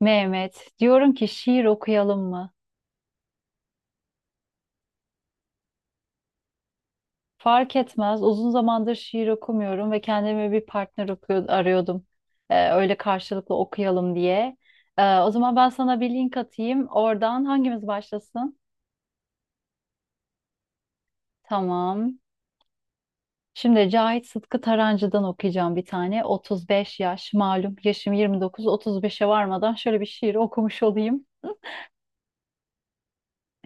Mehmet, diyorum ki şiir okuyalım mı? Fark etmez. Uzun zamandır şiir okumuyorum ve kendime bir partner okuyor, arıyordum. Öyle karşılıklı okuyalım diye. O zaman ben sana bir link atayım. Oradan hangimiz başlasın? Tamam. Şimdi Cahit Sıtkı Tarancı'dan okuyacağım bir tane. 35 yaş malum yaşım 29, 35'e varmadan şöyle bir şiir okumuş olayım.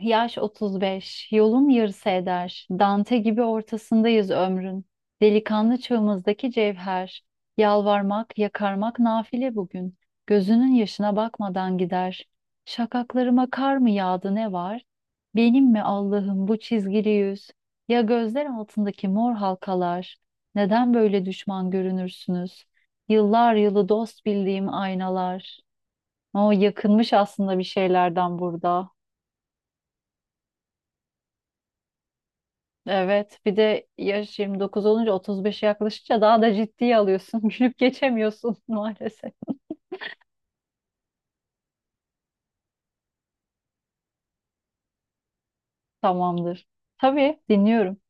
Yaş 35, yolun yarısı eder. Dante gibi ortasındayız ömrün. Delikanlı çığımızdaki cevher. Yalvarmak, yakarmak nafile bugün. Gözünün yaşına bakmadan gider. Şakaklarıma kar mı yağdı ne var? Benim mi Allah'ım bu çizgili yüz? Ya gözler altındaki mor halkalar? Neden böyle düşman görünürsünüz? Yıllar yılı dost bildiğim aynalar. O yakınmış aslında bir şeylerden burada. Evet, bir de yaş 29 olunca 35'e yaklaşınca daha da ciddiye alıyorsun. Gülüp geçemiyorsun maalesef. Tamamdır. Tabii dinliyorum.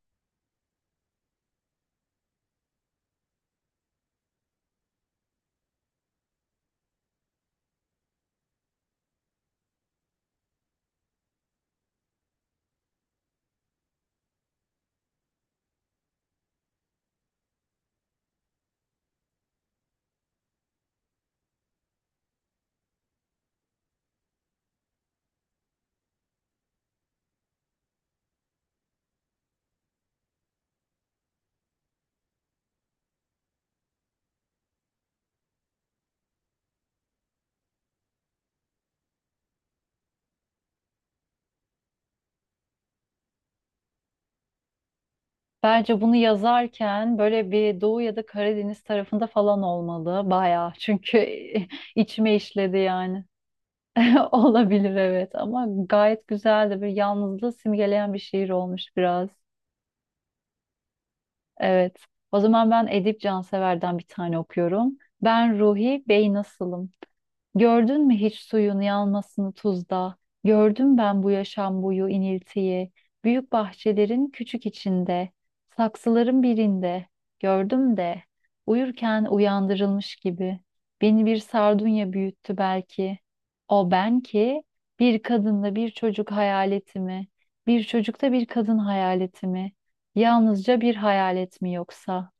Bence bunu yazarken böyle bir Doğu ya da Karadeniz tarafında falan olmalı. Bayağı çünkü içime işledi yani. Olabilir evet, ama gayet güzel de bir yalnızlığı simgeleyen bir şiir olmuş biraz. Evet. O zaman ben Edip Cansever'den bir tane okuyorum. Ben Ruhi Bey nasılım? Gördün mü hiç suyun yanmasını tuzda? Gördüm ben bu yaşam boyu iniltiyi. Büyük bahçelerin küçük içinde, saksıların birinde. Gördüm de uyurken uyandırılmış gibi. Beni bir sardunya büyüttü belki. O ben ki bir kadınla bir çocuk hayaleti mi? Bir çocukta bir kadın hayaleti mi? Yalnızca bir hayalet mi yoksa?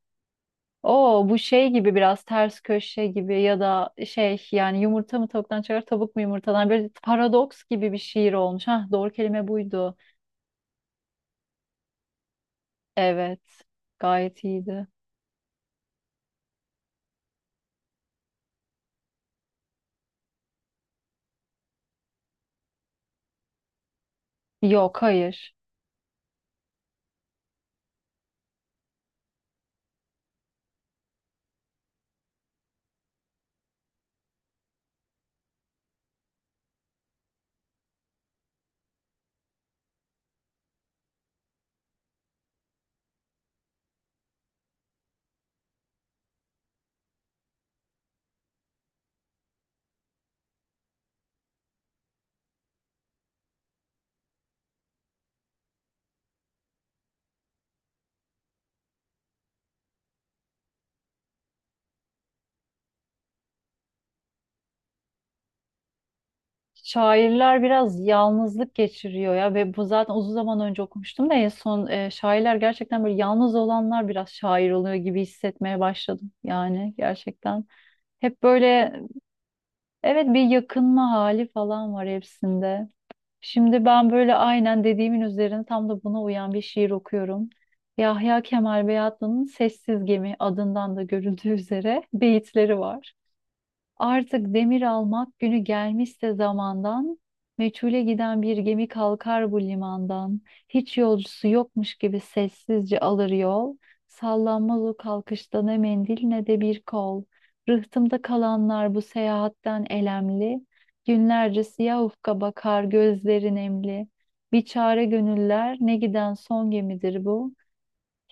O bu şey gibi biraz ters köşe gibi ya da şey yani yumurta mı tavuktan çıkar tavuk mu yumurtadan böyle paradoks gibi bir şiir olmuş. Hah doğru kelime buydu. Evet gayet iyiydi. Yok hayır. Şairler biraz yalnızlık geçiriyor ya ve bu zaten uzun zaman önce okumuştum da en son şairler gerçekten böyle yalnız olanlar biraz şair oluyor gibi hissetmeye başladım yani gerçekten. Hep böyle evet, bir yakınma hali falan var hepsinde. Şimdi ben böyle aynen dediğimin üzerine tam da buna uyan bir şiir okuyorum. Yahya Kemal Beyatlı'nın Sessiz Gemi adından da görüldüğü üzere beyitleri var. Artık demir almak günü gelmişse zamandan, meçhule giden bir gemi kalkar bu limandan. Hiç yolcusu yokmuş gibi sessizce alır yol. Sallanmaz o kalkışta ne mendil ne de bir kol. Rıhtımda kalanlar bu seyahatten elemli. Günlerce siyah ufka bakar gözleri nemli. Bir çare gönüller ne giden son gemidir bu.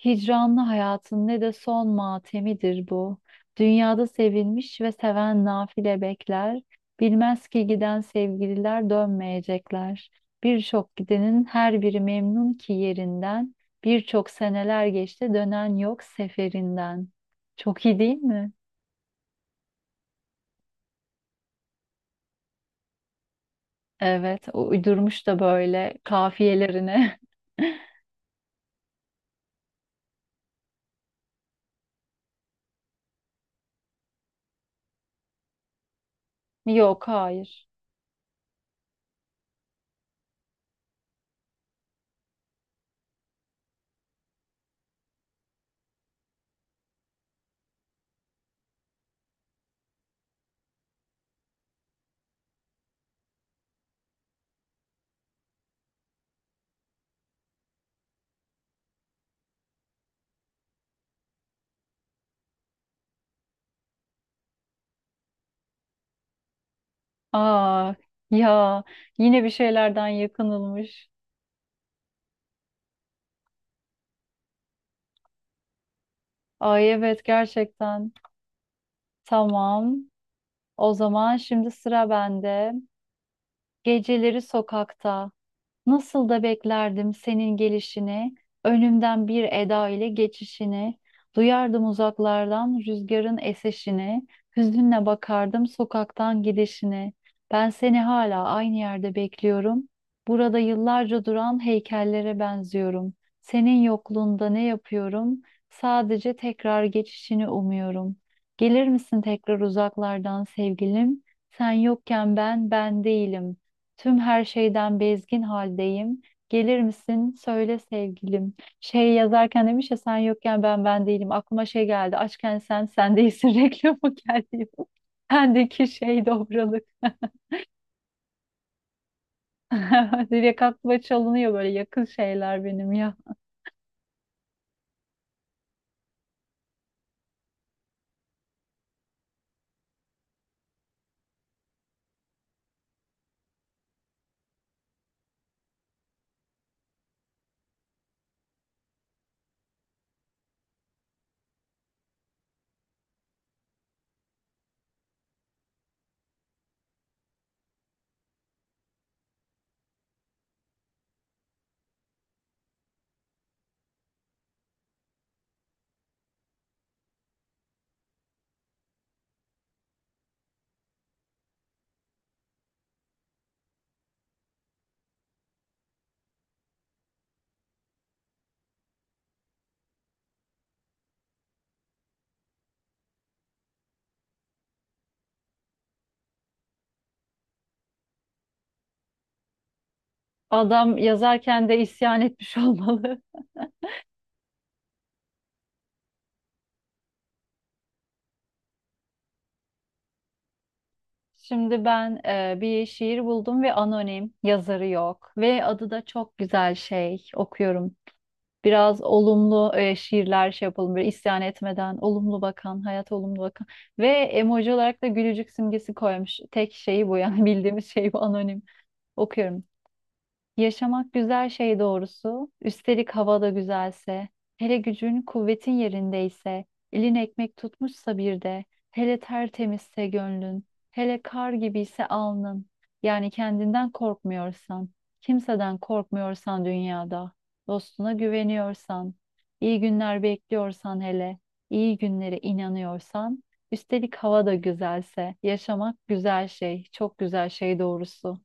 Hicranlı hayatın ne de son matemidir bu. Dünyada sevilmiş ve seven nafile bekler. Bilmez ki giden sevgililer dönmeyecekler. Birçok gidenin her biri memnun ki yerinden. Birçok seneler geçti dönen yok seferinden. Çok iyi değil mi? Evet, o uydurmuş da böyle kafiyelerine. Yok, hayır. Aa ya, yine bir şeylerden yakınılmış. Ay evet gerçekten. Tamam. O zaman şimdi sıra bende. Geceleri sokakta. Nasıl da beklerdim senin gelişini, önümden bir eda ile geçişini, duyardım uzaklardan rüzgarın eseşini, hüzünle bakardım sokaktan gidişini. Ben seni hala aynı yerde bekliyorum. Burada yıllarca duran heykellere benziyorum. Senin yokluğunda ne yapıyorum? Sadece tekrar geçişini umuyorum. Gelir misin tekrar uzaklardan sevgilim? Sen yokken ben değilim. Tüm her şeyden bezgin haldeyim. Gelir misin? Söyle sevgilim. Şey yazarken demiş ya sen yokken ben ben değilim. Aklıma şey geldi. Açken sen sen değilsin reklamı geldi. Bendeki şey dobralık. Direkt aklıma çalınıyor böyle yakın şeyler benim ya. Adam yazarken de isyan etmiş olmalı. Şimdi ben bir şiir buldum ve anonim yazarı yok ve adı da çok güzel şey okuyorum. Biraz olumlu şiirler şey yapalım böyle isyan etmeden olumlu bakan hayat olumlu bakan ve emoji olarak da gülücük simgesi koymuş. Tek şeyi bu yani bildiğimiz şey bu anonim. Okuyorum. Yaşamak güzel şey doğrusu. Üstelik hava da güzelse, hele gücün kuvvetin yerindeyse, elin ekmek tutmuşsa bir de, hele tertemizse gönlün, hele kar gibiyse alnın. Yani kendinden korkmuyorsan, kimseden korkmuyorsan dünyada, dostuna güveniyorsan, iyi günler bekliyorsan hele, iyi günlere inanıyorsan, üstelik hava da güzelse, yaşamak güzel şey, çok güzel şey doğrusu.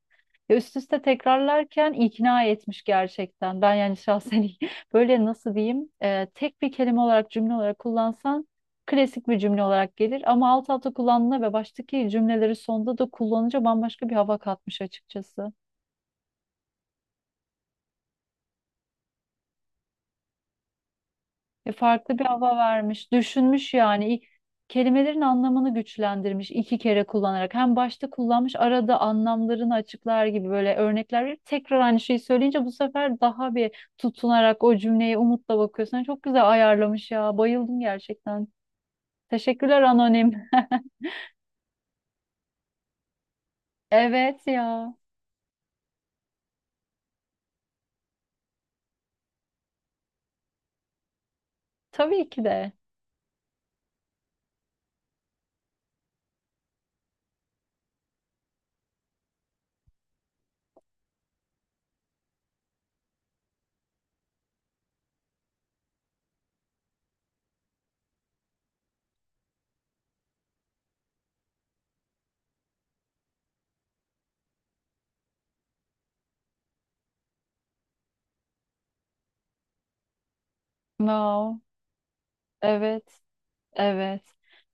Ya üst üste tekrarlarken ikna etmiş gerçekten. Ben yani şahsen böyle nasıl diyeyim tek bir kelime olarak cümle olarak kullansan klasik bir cümle olarak gelir. Ama alt alta kullandığında ve baştaki cümleleri sonda da kullanınca bambaşka bir hava katmış açıkçası. Farklı bir hava vermiş, düşünmüş yani. Kelimelerin anlamını güçlendirmiş iki kere kullanarak. Hem başta kullanmış, arada anlamlarını açıklar gibi böyle örnekler verip tekrar aynı şeyi söyleyince bu sefer daha bir tutunarak o cümleye umutla bakıyorsun. Yani çok güzel ayarlamış ya. Bayıldım gerçekten. Teşekkürler anonim. Evet ya. Tabii ki de. Wow. Evet. Evet.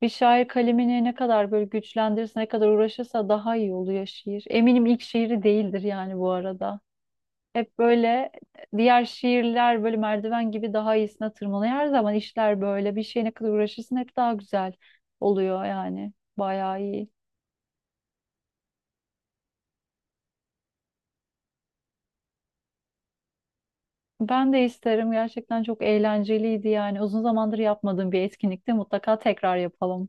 Bir şair kalemini ne kadar böyle güçlendirirse, ne kadar uğraşırsa daha iyi oluyor şiir. Eminim ilk şiiri değildir yani bu arada. Hep böyle diğer şiirler böyle merdiven gibi daha iyisine tırmanıyor. Her zaman işler böyle bir şeye ne kadar uğraşırsın hep daha güzel oluyor yani. Bayağı iyi. Ben de isterim. Gerçekten çok eğlenceliydi yani. Uzun zamandır yapmadığım bir etkinlikte mutlaka tekrar yapalım.